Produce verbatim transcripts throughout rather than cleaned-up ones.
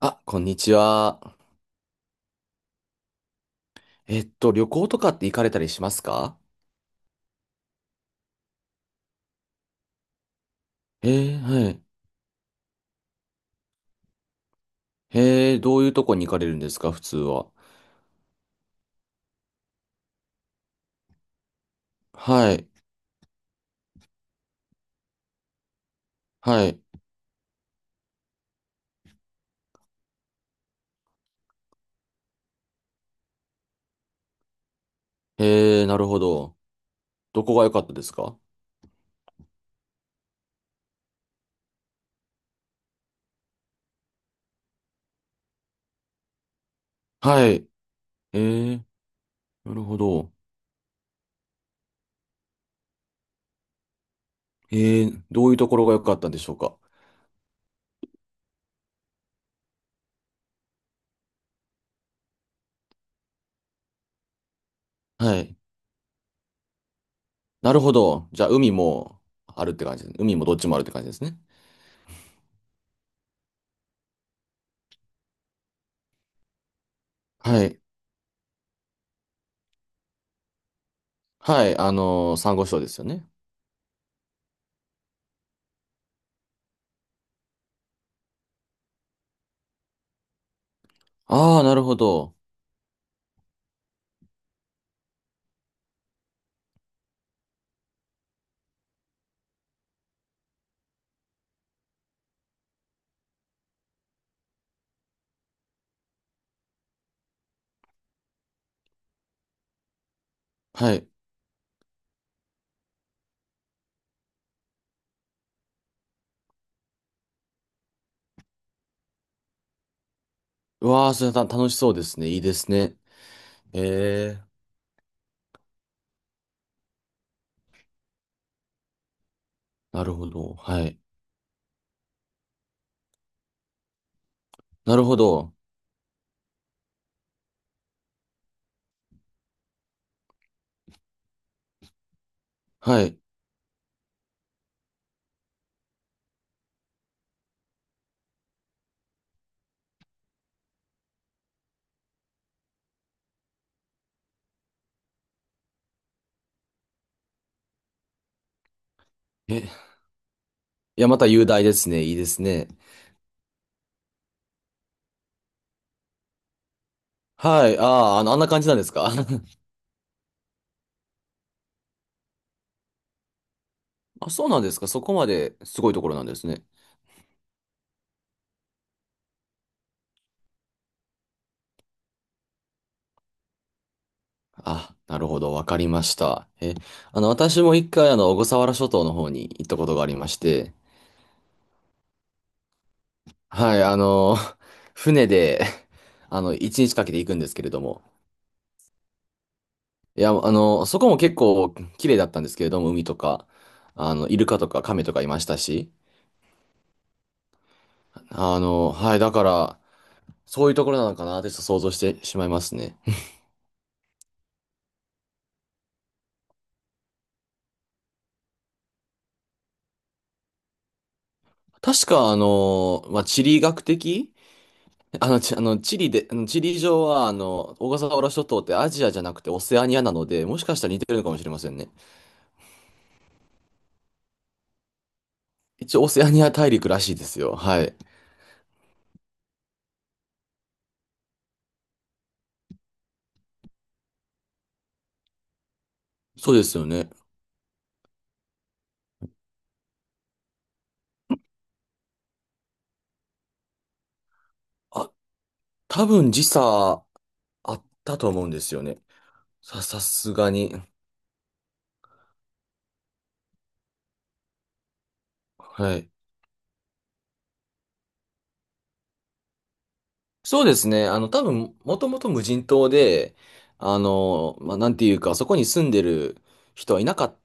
あ、こんにちは。えっと、旅行とかって行かれたりしますか？ええ、はい。ええ、どういうとこに行かれるんですか、普通は。はい、はい。ええ、なるほど。どこが良かったですか？はい。ええ、なるほど。ええ、どういうところが良かったんでしょうか？はい。なるほど。じゃあ、海もあるって感じですね。海もどっちもあるって感じですね。はい。はい、あのー、サンゴ礁ですよね。ああ、なるほど。はい。うわあ、それた楽しそうですね。いいですね。ええ。なるほど。はい。なるほど。はい。え、いや、また雄大ですね。いいですね。はい。ああ、あの、あんな感じなんですか？ あ、そうなんですか。そこまですごいところなんですね。あ、なるほど。わかりました。え、あの、私もいっかい、あの、小笠原諸島の方に行ったことがありまして、はい、あの、船で、あの、いちにちかけて行くんですけれども、いや、あの、そこも結構綺麗だったんですけれども、海とか、あの、イルカとかカメとかいましたし、あの、はい、だから、そういうところなのかなってちょっと想像してしまいますね。確か、あの、まあ、地理学的あの、ち、あの、地理で、あの、地理上は、あの、小笠原諸島ってアジアじゃなくてオセアニアなので、もしかしたら似てるのかもしれませんね。一応オセアニア大陸らしいですよ。はい。そうですよね。あ、多分時差あったと思うんですよね。さ、さすがに。はい。そうですね。あの、多分、もともと無人島で、あの、まあ、なんていうか、そこに住んでる人はいなかっ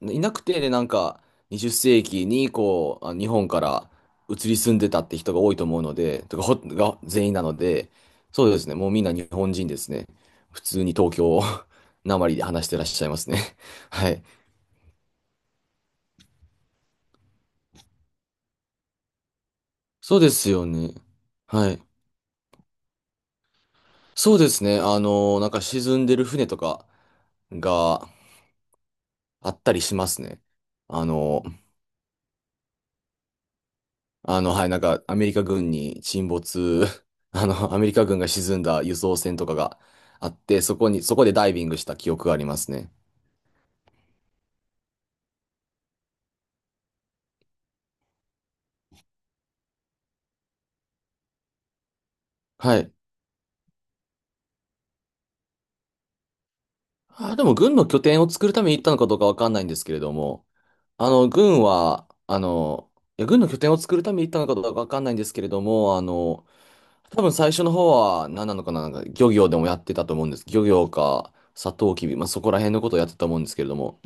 たいなくて、で、なんか、にじゅう世紀に、こう、あ日本から移り住んでたって人が多いと思うので、とか、ほ、が全員なので、そうですね、もうみんな日本人ですね。普通に東京 なまり で話してらっしゃいますね。はい。そうですよね。はい。そうですね、あの、なんか沈んでる船とかがあったりしますね。あの、あの、はい、なんか、アメリカ軍に沈没、あの、アメリカ軍が沈んだ輸送船とかがあって、そこに、そこでダイビングした記憶がありますね。はい。あー、でも軍の拠点を作るために行ったのかどうかわかんないんですけれども、あの、軍は、あの、いや、軍の拠点を作るために行ったのかどうかわかんないんですけれども、あの、多分最初の方は何なのかな、なんか漁業でもやってたと思うんです。漁業か、サトウキビ、まあ、そこら辺のことをやってたと思うんですけれども、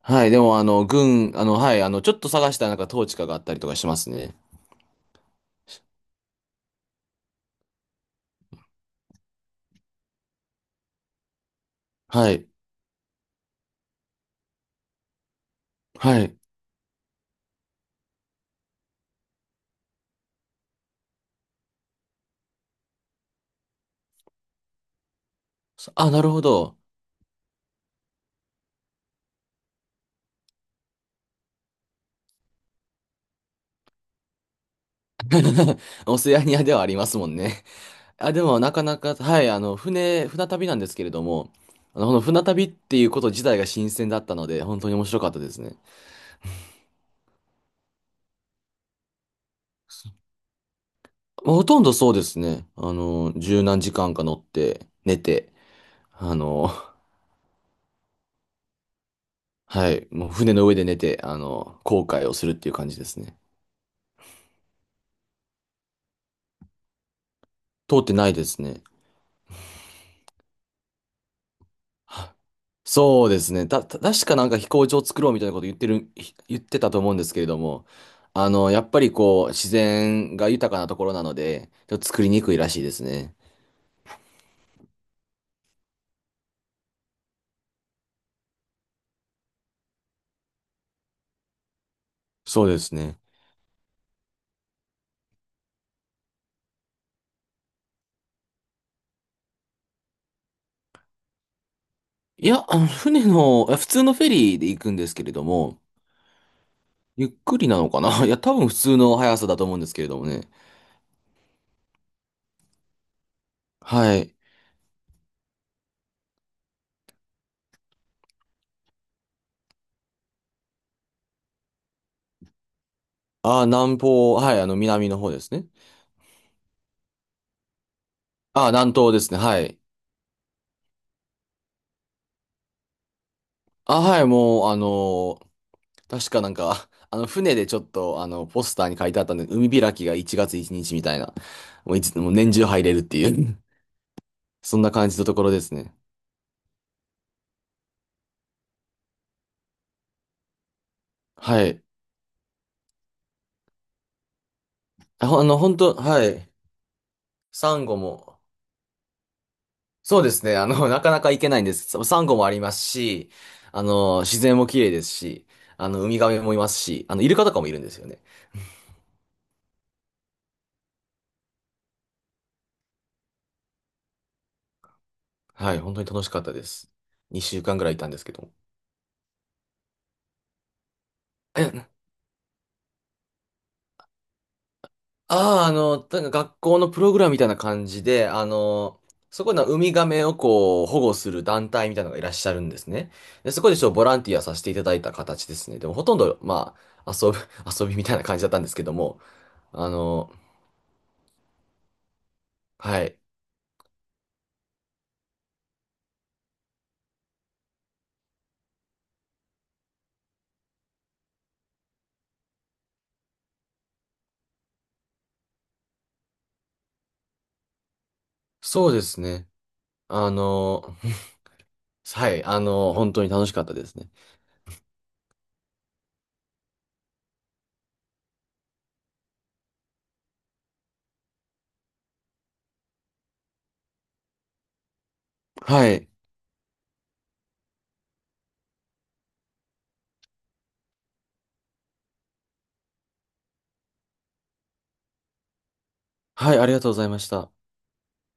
はい、でも、あの、軍、あの、はい、あの、ちょっと探したらなんか統治下があったりとかしますね。はい、はい。あ、なるほど。オセアニアではありますもんね。あ、でも、なかなか、はい、あの、船、船旅なんですけれども、あの、この船旅っていうこと自体が新鮮だったので、本当に面白かったですね。まあほとんどそうですね。あの、じゅうなんじかんか乗って、寝て、あの、はい、もう船の上で寝て、あの、航海をするっていう感じですね。通ってないですね。そうですね。た、た確かなんか飛行場を作ろうみたいなこと言ってる、ひ言ってたと思うんですけれども、あの、やっぱりこう、自然が豊かなところなので、ちょっと作りにくいらしいですね。そうですね。いや、あの、船の、あ普通のフェリーで行くんですけれども、ゆっくりなのかな いや、多分普通の速さだと思うんですけれどもね。はい。あ、南方、はい、あの、南の方ですね。あ、南東ですね。はい。あ、はい、もう、あの確かなんか、あの、船でちょっと、あの、ポスターに書いてあったんで、海開きがいちがつついたちみたいな、もういつ、もう年中入れるっていう そんな感じのところですね。はい。あ、ほあの、本当はい。サンゴも、そうですね、あの、なかなか行けないんです。ササンゴもありますし、あの、自然も綺麗ですし、あの、ウミガメもいますし、あの、イルカとかもいるんですよね。はい、本当に楽しかったです。にしゅうかんぐらいいたんですけど。えああ、あの、なんか学校のプログラムみたいな感じで、あの、そこのウミガメをこう保護する団体みたいなのがいらっしゃるんですね。で、そこでちょっとボランティアさせていただいた形ですね。でもほとんど、まあ、遊ぶ 遊びみたいな感じだったんですけども、あの、はい。そうですね。あの、はい。あの、本当に楽しかったですね。はい。はい、ありがとうございました。